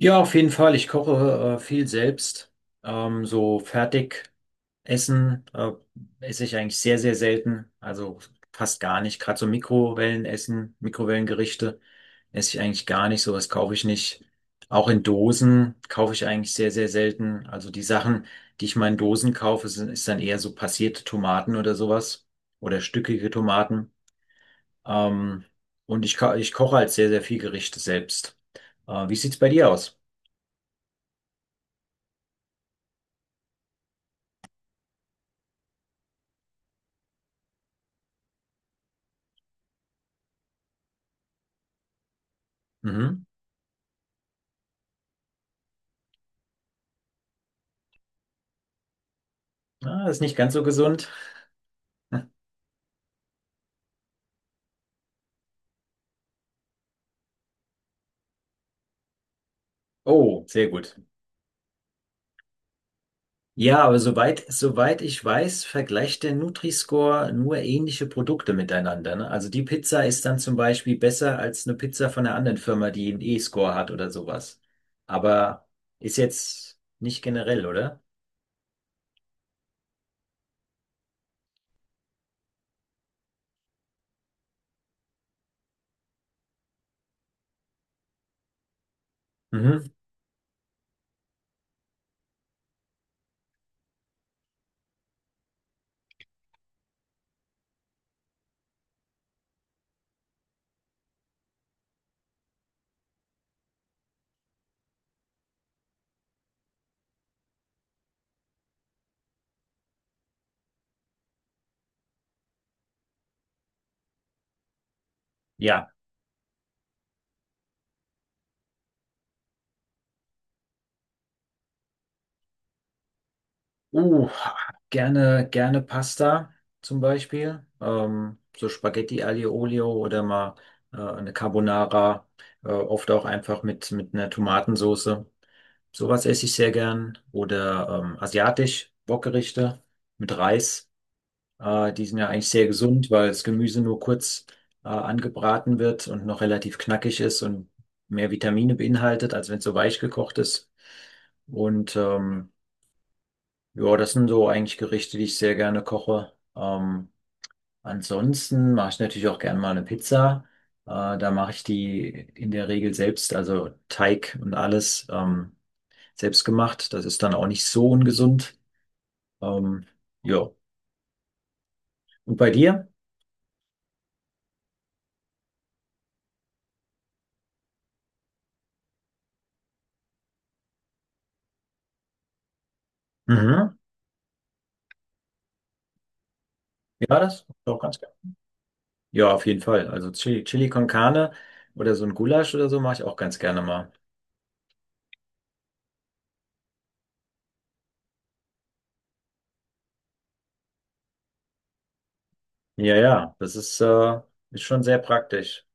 Ja, auf jeden Fall. Ich koche viel selbst. So fertig essen esse ich eigentlich sehr, sehr selten. Also fast gar nicht. Gerade so Mikrowellenessen, Mikrowellengerichte esse ich eigentlich gar nicht. Sowas kaufe ich nicht. Auch in Dosen kaufe ich eigentlich sehr, sehr selten. Also die Sachen, die ich mal in Dosen kaufe, ist dann eher so passierte Tomaten oder sowas. Oder stückige Tomaten. Ähm, und ich koche halt sehr, sehr viel Gerichte selbst. Wie sieht's bei dir aus? Mhm. Ah, ist nicht ganz so gesund. Oh, sehr gut. Ja, aber soweit ich weiß, vergleicht der Nutri-Score nur ähnliche Produkte miteinander, ne? Also die Pizza ist dann zum Beispiel besser als eine Pizza von einer anderen Firma, die einen E-Score hat oder sowas. Aber ist jetzt nicht generell, oder? Mhm. Ja. Uh, gerne Pasta zum Beispiel. So Spaghetti Aglio Olio oder mal eine Carbonara, oft auch einfach mit einer Tomatensoße. Sowas esse ich sehr gern. Oder asiatisch, Wokgerichte mit Reis. Die sind ja eigentlich sehr gesund, weil das Gemüse nur kurz angebraten wird und noch relativ knackig ist und mehr Vitamine beinhaltet, als wenn es so weich gekocht ist. Und ja, das sind so eigentlich Gerichte, die ich sehr gerne koche. Ansonsten mache ich natürlich auch gerne mal eine Pizza. Da mache ich die in der Regel selbst, also Teig und alles selbst gemacht. Das ist dann auch nicht so ungesund. Ähm, ja. Und bei dir? Mhm. Ja, das doch ganz gerne. Ja, auf jeden Fall. Also Chili con Carne oder so ein Gulasch oder so mache ich auch ganz gerne mal. Ja, ja, ist schon sehr praktisch.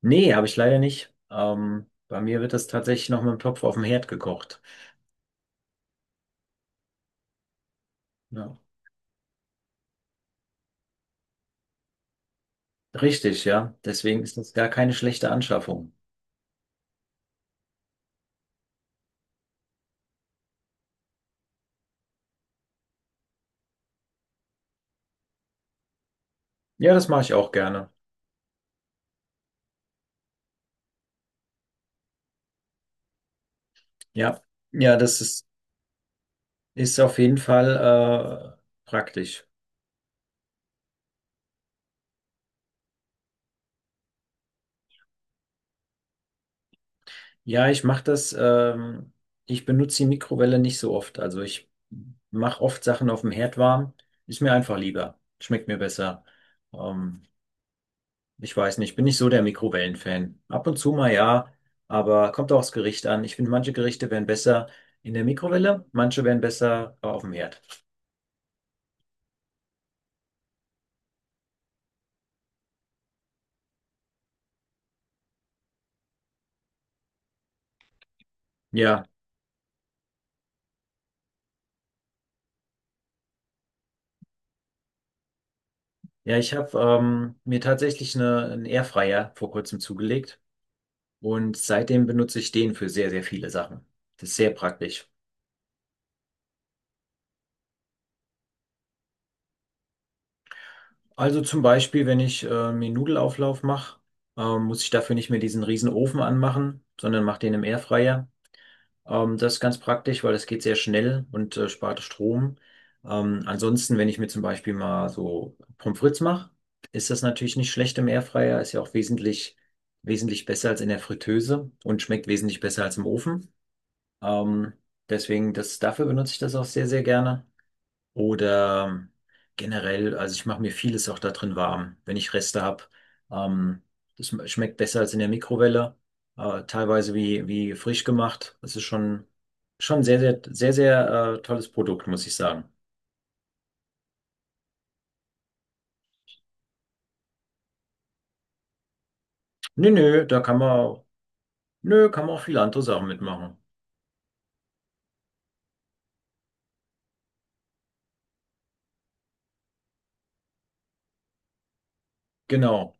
Nee, habe ich leider nicht. Bei mir wird das tatsächlich noch mit dem Topf auf dem Herd gekocht. Ja. Richtig, ja. Deswegen ist das gar keine schlechte Anschaffung. Ja, das mache ich auch gerne. Ja, ja, ist auf jeden Fall praktisch. Ja, ich mache das. Ich benutze die Mikrowelle nicht so oft. Also ich mache oft Sachen auf dem Herd warm. Ist mir einfach lieber. Schmeckt mir besser. Ähm, Ich weiß nicht, ich bin nicht so der Mikrowellenfan. Ab und zu mal ja, aber kommt auch aufs Gericht an. Ich finde, manche Gerichte wären besser in der Mikrowelle, manche wären besser auf dem Herd. Ja, ja, ich habe mir tatsächlich einen Airfryer vor kurzem zugelegt und seitdem benutze ich den für sehr, sehr viele Sachen. Das ist sehr praktisch. Also zum Beispiel, wenn ich mir Nudelauflauf mache, muss ich dafür nicht mehr diesen riesen Ofen anmachen, sondern mache den im Airfryer. Das ist ganz praktisch, weil das geht sehr schnell und spart Strom. Ansonsten, wenn ich mir zum Beispiel mal so Pommes frites mache, ist das natürlich nicht schlecht im Airfryer. Ist ja auch wesentlich besser als in der Fritteuse und schmeckt wesentlich besser als im Ofen. Ähm, dafür benutze ich das auch sehr, sehr gerne. Oder generell, also ich mache mir vieles auch da drin warm, wenn ich Reste habe. Ähm, schmeckt besser als in der Mikrowelle, teilweise wie frisch gemacht. Schon sehr, sehr, sehr, sehr tolles Produkt, muss ich sagen. Nö, nö, nö, kann man auch viele andere Sachen mitmachen. Genau.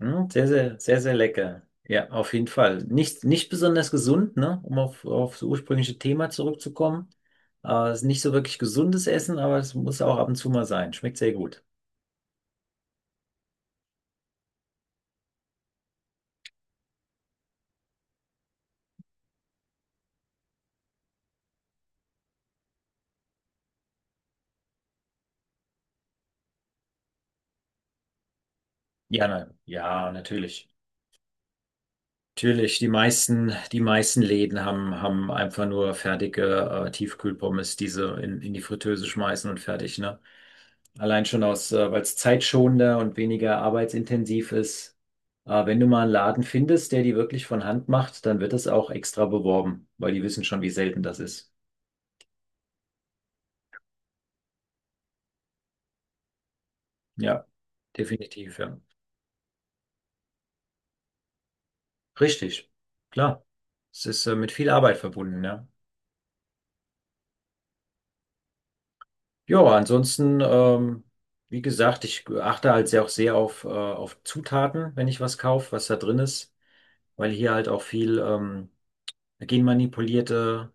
Hm, sehr, sehr, sehr, sehr lecker. Ja, auf jeden Fall. Nicht besonders gesund, ne? Um auf das ursprüngliche Thema zurückzukommen. Ist nicht so wirklich gesundes Essen, aber es muss auch ab und zu mal sein. Schmeckt sehr gut. Ja, natürlich. Natürlich, die meisten Läden haben einfach nur fertige Tiefkühlpommes, die sie in die Fritteuse schmeißen und fertig, ne? Allein schon aus, weil es zeitschonender und weniger arbeitsintensiv ist. Wenn du mal einen Laden findest, der die wirklich von Hand macht, dann wird das auch extra beworben, weil die wissen schon, wie selten das ist. Ja, definitiv, ja. Richtig, klar. Es ist mit viel Arbeit verbunden, ja. Ja, ansonsten, wie gesagt, ich achte halt sehr auch sehr auf Zutaten, wenn ich was kaufe, was da drin ist, weil hier halt auch viel genmanipulierte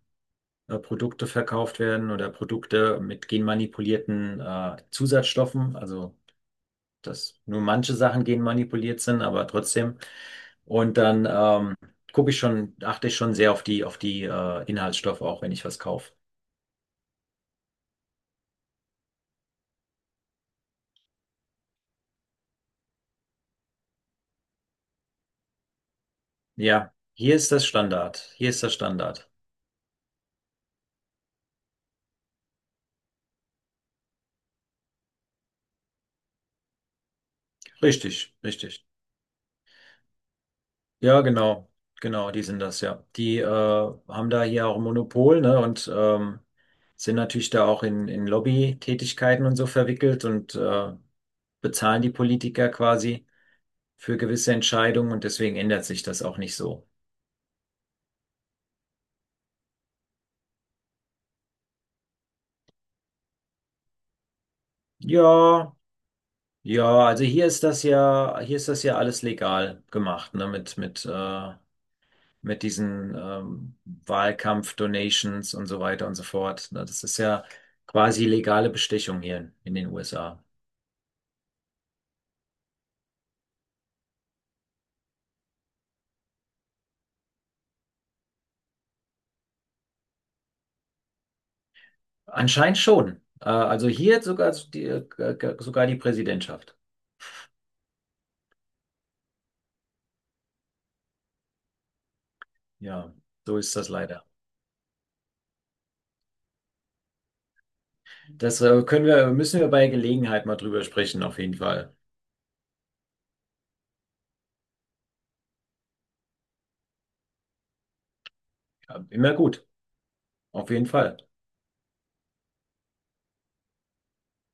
Produkte verkauft werden oder Produkte mit genmanipulierten Zusatzstoffen. Also, dass nur manche Sachen genmanipuliert sind, aber trotzdem. Und dann achte ich schon sehr auf auf die Inhaltsstoffe, auch wenn ich was kaufe. Ja, hier ist das Standard. Hier ist das Standard. Richtig, richtig. Ja, genau. Genau, die sind das, ja. Die haben da hier auch ein Monopol, ne, und sind natürlich da auch in Lobby Tätigkeiten und so verwickelt und bezahlen die Politiker quasi für gewisse Entscheidungen und deswegen ändert sich das auch nicht so. Ja, ja, hier ist das ja alles legal gemacht, ne, mit diesen Wahlkampf-Donations und so weiter und so fort. Ne, das ist ja quasi legale Bestechung hier in den USA. Anscheinend schon. Äh, also hier sogar die Präsidentschaft. Ja, so ist das leider. Das müssen wir bei Gelegenheit mal drüber sprechen, auf jeden Fall. Ja, immer gut, auf jeden Fall.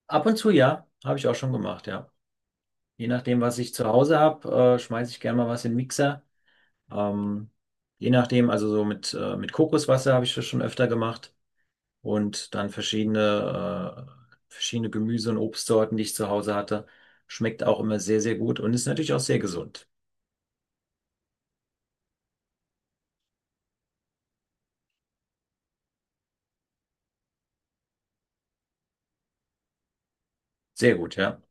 Ab und zu ja, habe ich auch schon gemacht, ja. Je nachdem, was ich zu Hause habe, schmeiße ich gerne mal was in den Mixer. Ähm, je nachdem, also so mit Kokoswasser habe ich das schon öfter gemacht. Und dann verschiedene, verschiedene Gemüse- und Obstsorten, die ich zu Hause hatte. Schmeckt auch immer sehr, sehr gut und ist natürlich auch sehr gesund. Sehr gut, ja.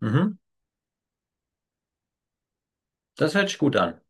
Mhm. Das hört sich gut an.